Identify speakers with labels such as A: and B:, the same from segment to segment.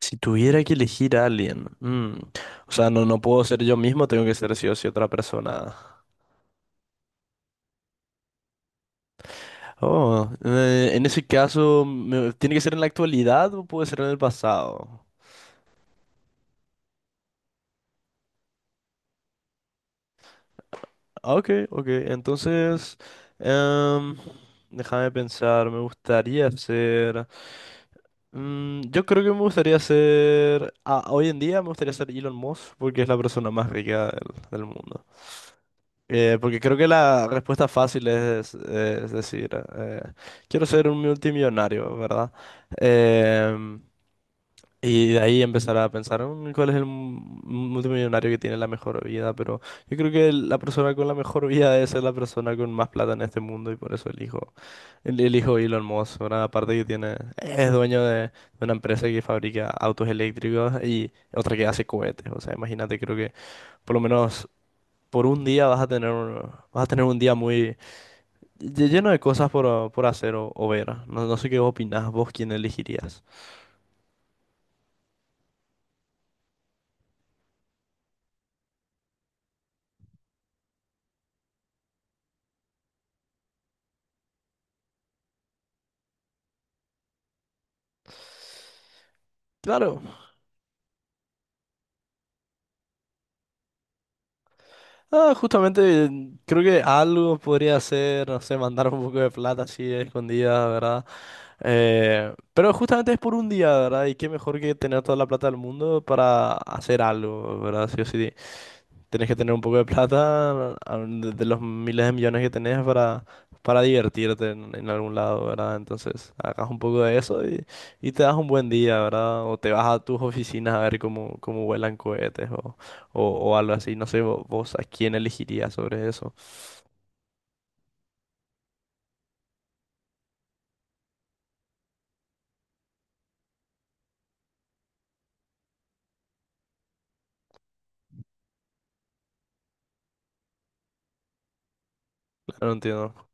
A: Si tuviera que elegir a alguien, o sea, no puedo ser yo mismo, tengo que ser sí o sí otra persona. Oh, en ese caso, ¿tiene que ser en la actualidad o puede ser en el pasado? Ah, ok, ok, entonces, em, déjame pensar, me gustaría ser... yo creo que me gustaría ser... ah, hoy en día me gustaría ser Elon Musk porque es la persona más rica del mundo. Porque creo que la respuesta fácil es decir, eh, quiero ser un multimillonario, ¿verdad? Em, y de ahí empezar a pensar "Mm, cuál es el multimillonario que tiene la mejor vida, pero yo creo que la persona con la mejor vida es la persona con más plata en este mundo y por eso elijo, elijo Elon Musk, ¿verdad? Aparte que tiene, es dueño de una empresa que fabrica autos eléctricos y otra que hace cohetes, o sea, imagínate, creo que por lo menos por un día vas a tener vas a tener un día muy lleno de cosas por hacer o ver. No sé qué opinás vos, quién elegirías. Claro, ah, justamente creo que algo podría ser, no sé, mandar un poco de plata así escondida, ¿verdad? Pero justamente es por un día, ¿verdad? Y qué mejor que tener toda la plata del mundo para hacer algo, ¿verdad? Sí o sí. Tienes que tener un poco de plata, de los miles de millones que tenés para divertirte en algún lado, ¿verdad? Entonces, hagas un poco de eso y te das un buen día, ¿verdad? O te vas a tus oficinas a ver cómo vuelan cohetes o, o algo así. No sé, vos, a quién elegirías sobre eso. Claro, no entiendo.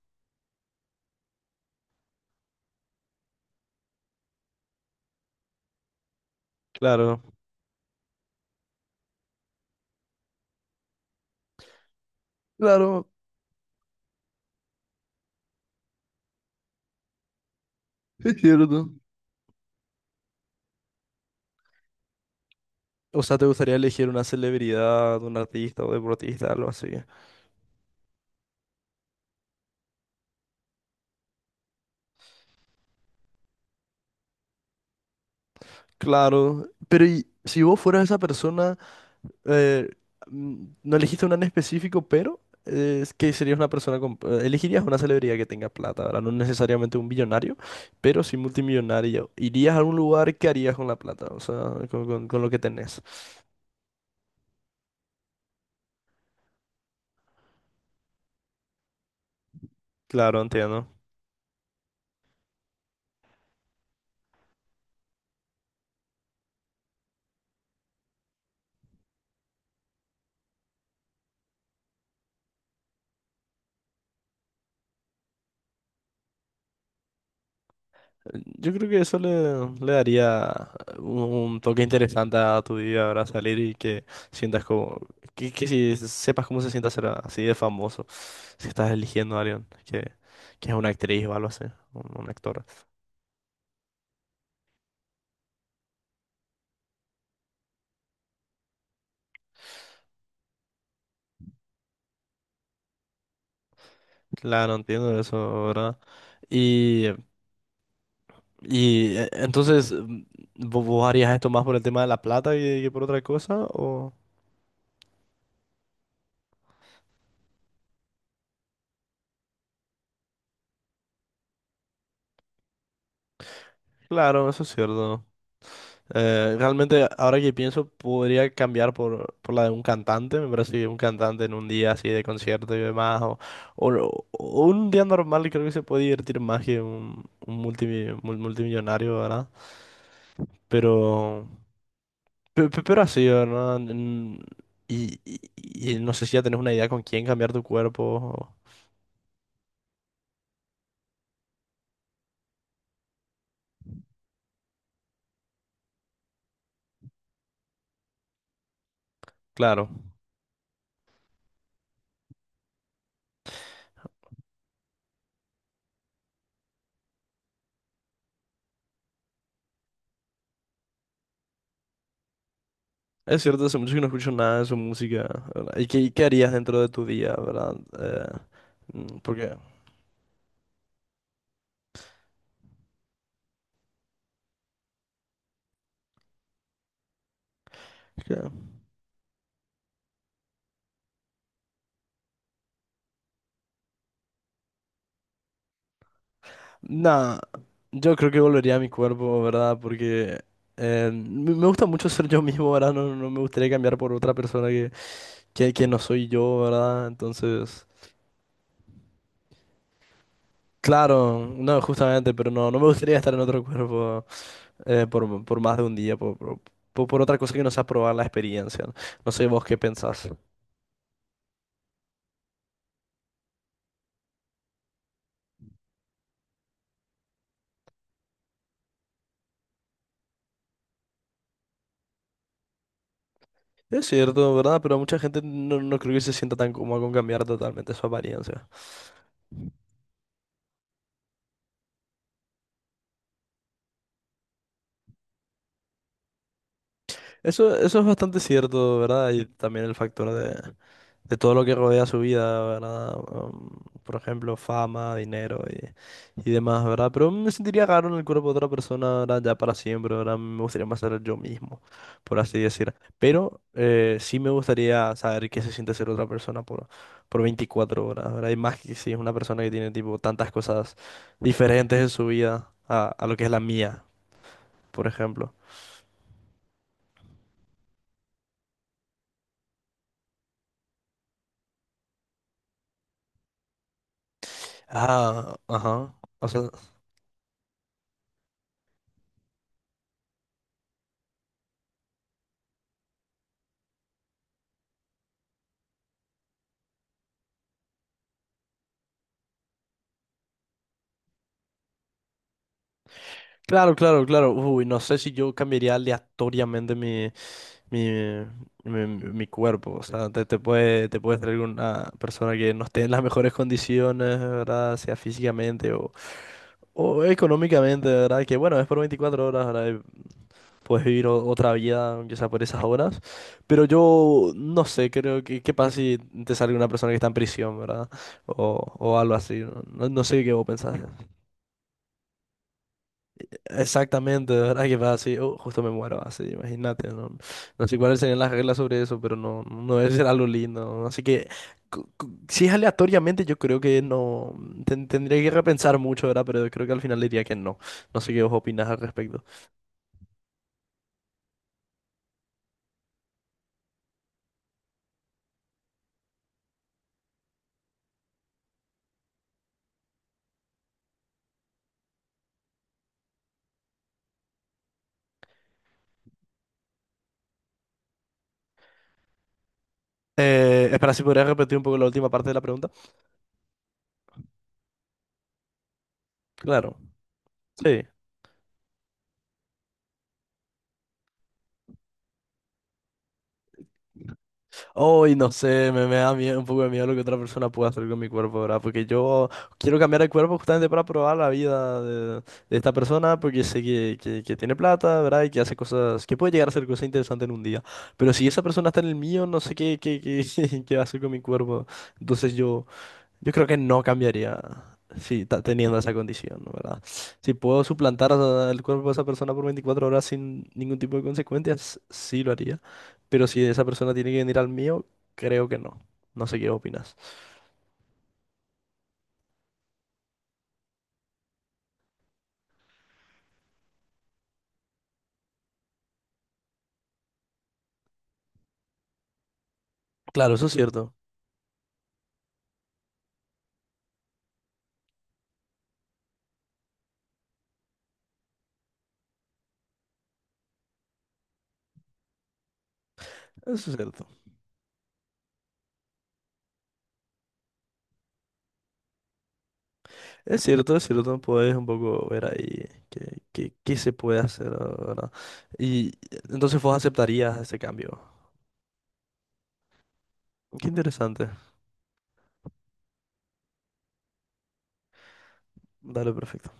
A: Claro, claro, es cierto. O sea, ¿te gustaría elegir una celebridad, un artista o deportista, algo así? Claro, pero ¿y si vos fueras esa persona? eh, no elegiste una en específico, pero es que serías una persona con... elegirías una celebridad que tenga plata, ¿verdad? No necesariamente un billonario, pero sí multimillonario. Irías a algún lugar, ¿qué harías con la plata? O sea, con, con lo que tenés. Claro, entiendo. Yo creo que eso le daría un toque interesante a tu día, ¿verdad? Salir y que sientas como... Que si sepas cómo se siente ser así de famoso, si estás eligiendo a alguien que es una actriz o algo así, un actor. Claro, entiendo eso, ¿verdad? Y, entonces, vos harías esto más por el tema de la plata que por otra cosa? O... Claro, eso es cierto. Realmente, ahora que pienso, podría cambiar por la de un cantante. Me parece que un cantante en un día así de concierto y demás, o un día normal, creo que se puede divertir más que un multimillonario, ¿verdad? Pero. Pero, así, ¿verdad? Y no sé si ya tenés una idea con quién cambiar tu cuerpo. Claro, es cierto, hace mucho que no escucho nada de su música, ¿verdad? Y qué harías dentro de tu día, ¿verdad? Porque... que- Nada, yo creo que volvería a mi cuerpo, ¿verdad? Porque me gusta mucho ser yo mismo, ¿verdad? No, no me gustaría cambiar por otra persona que no soy yo, ¿verdad? Entonces... Claro, no, justamente, pero no me gustaría estar en otro cuerpo, por más de un día, por otra cosa que no sea probar la experiencia. No, no sé vos qué pensás. Es cierto, ¿verdad? Pero mucha gente no creo que se sienta tan cómoda con cambiar totalmente su apariencia. Eso es bastante cierto, ¿verdad? Y también el factor de todo lo que rodea su vida, ¿verdad? Por ejemplo, fama, dinero y demás, ¿verdad? Pero me sentiría raro en el cuerpo de otra persona, ¿verdad? Ya para siempre, ¿verdad? Me gustaría más ser yo mismo, por así decir. Pero sí me gustaría saber qué se siente ser otra persona por 24 horas, ¿verdad? Y más que si es una persona que tiene, tipo, tantas cosas diferentes en su vida a lo que es la mía, por ejemplo. Ah, ajá. O sea, claro, claro, claro. Uy, no sé si yo cambiaría aleatoriamente mi, mi cuerpo. O sea, te puede traer una persona que no esté en las mejores condiciones, ¿verdad? Sea físicamente o económicamente, ¿verdad? Que bueno, es por 24 horas, ¿verdad? Y puedes vivir otra vida, aunque sea por esas horas. Pero yo no sé, creo que qué pasa si te sale una persona que está en prisión, ¿verdad? O algo así. No, no sé qué vos pensás. Exactamente, de verdad que va así, oh, justo me muero así, imagínate, no, no sé cuáles serían las reglas sobre eso, pero no debe ser algo lindo, ¿no? Así que si es aleatoriamente yo creo que no, tendría que repensar mucho, ¿verdad? Pero yo creo que al final diría que no, no sé qué vos opinás al respecto. Espera, si podrías repetir un poco la última parte de la pregunta. Claro, sí. Hoy no sé, me da miedo, un poco de miedo lo que otra persona pueda hacer con mi cuerpo, ¿verdad? Porque yo quiero cambiar el cuerpo justamente para probar la vida de esta persona, porque sé que tiene plata, ¿verdad? Y que hace cosas, que puede llegar a hacer cosas interesantes en un día. Pero si esa persona está en el mío, no sé qué va a hacer con mi cuerpo. Entonces yo... Yo creo que no cambiaría si teniendo esa condición, ¿no? ¿Verdad? Si puedo suplantar el cuerpo de esa persona por 24 horas sin ningún tipo de consecuencias, sí lo haría. Pero si esa persona tiene que venir al mío, creo que no. No sé qué opinas. Claro, eso es cierto. Eso es cierto. Es cierto, es cierto. Puedes un poco ver ahí qué se puede hacer, ¿verdad? Y entonces vos aceptarías ese cambio. Qué interesante. Dale, perfecto.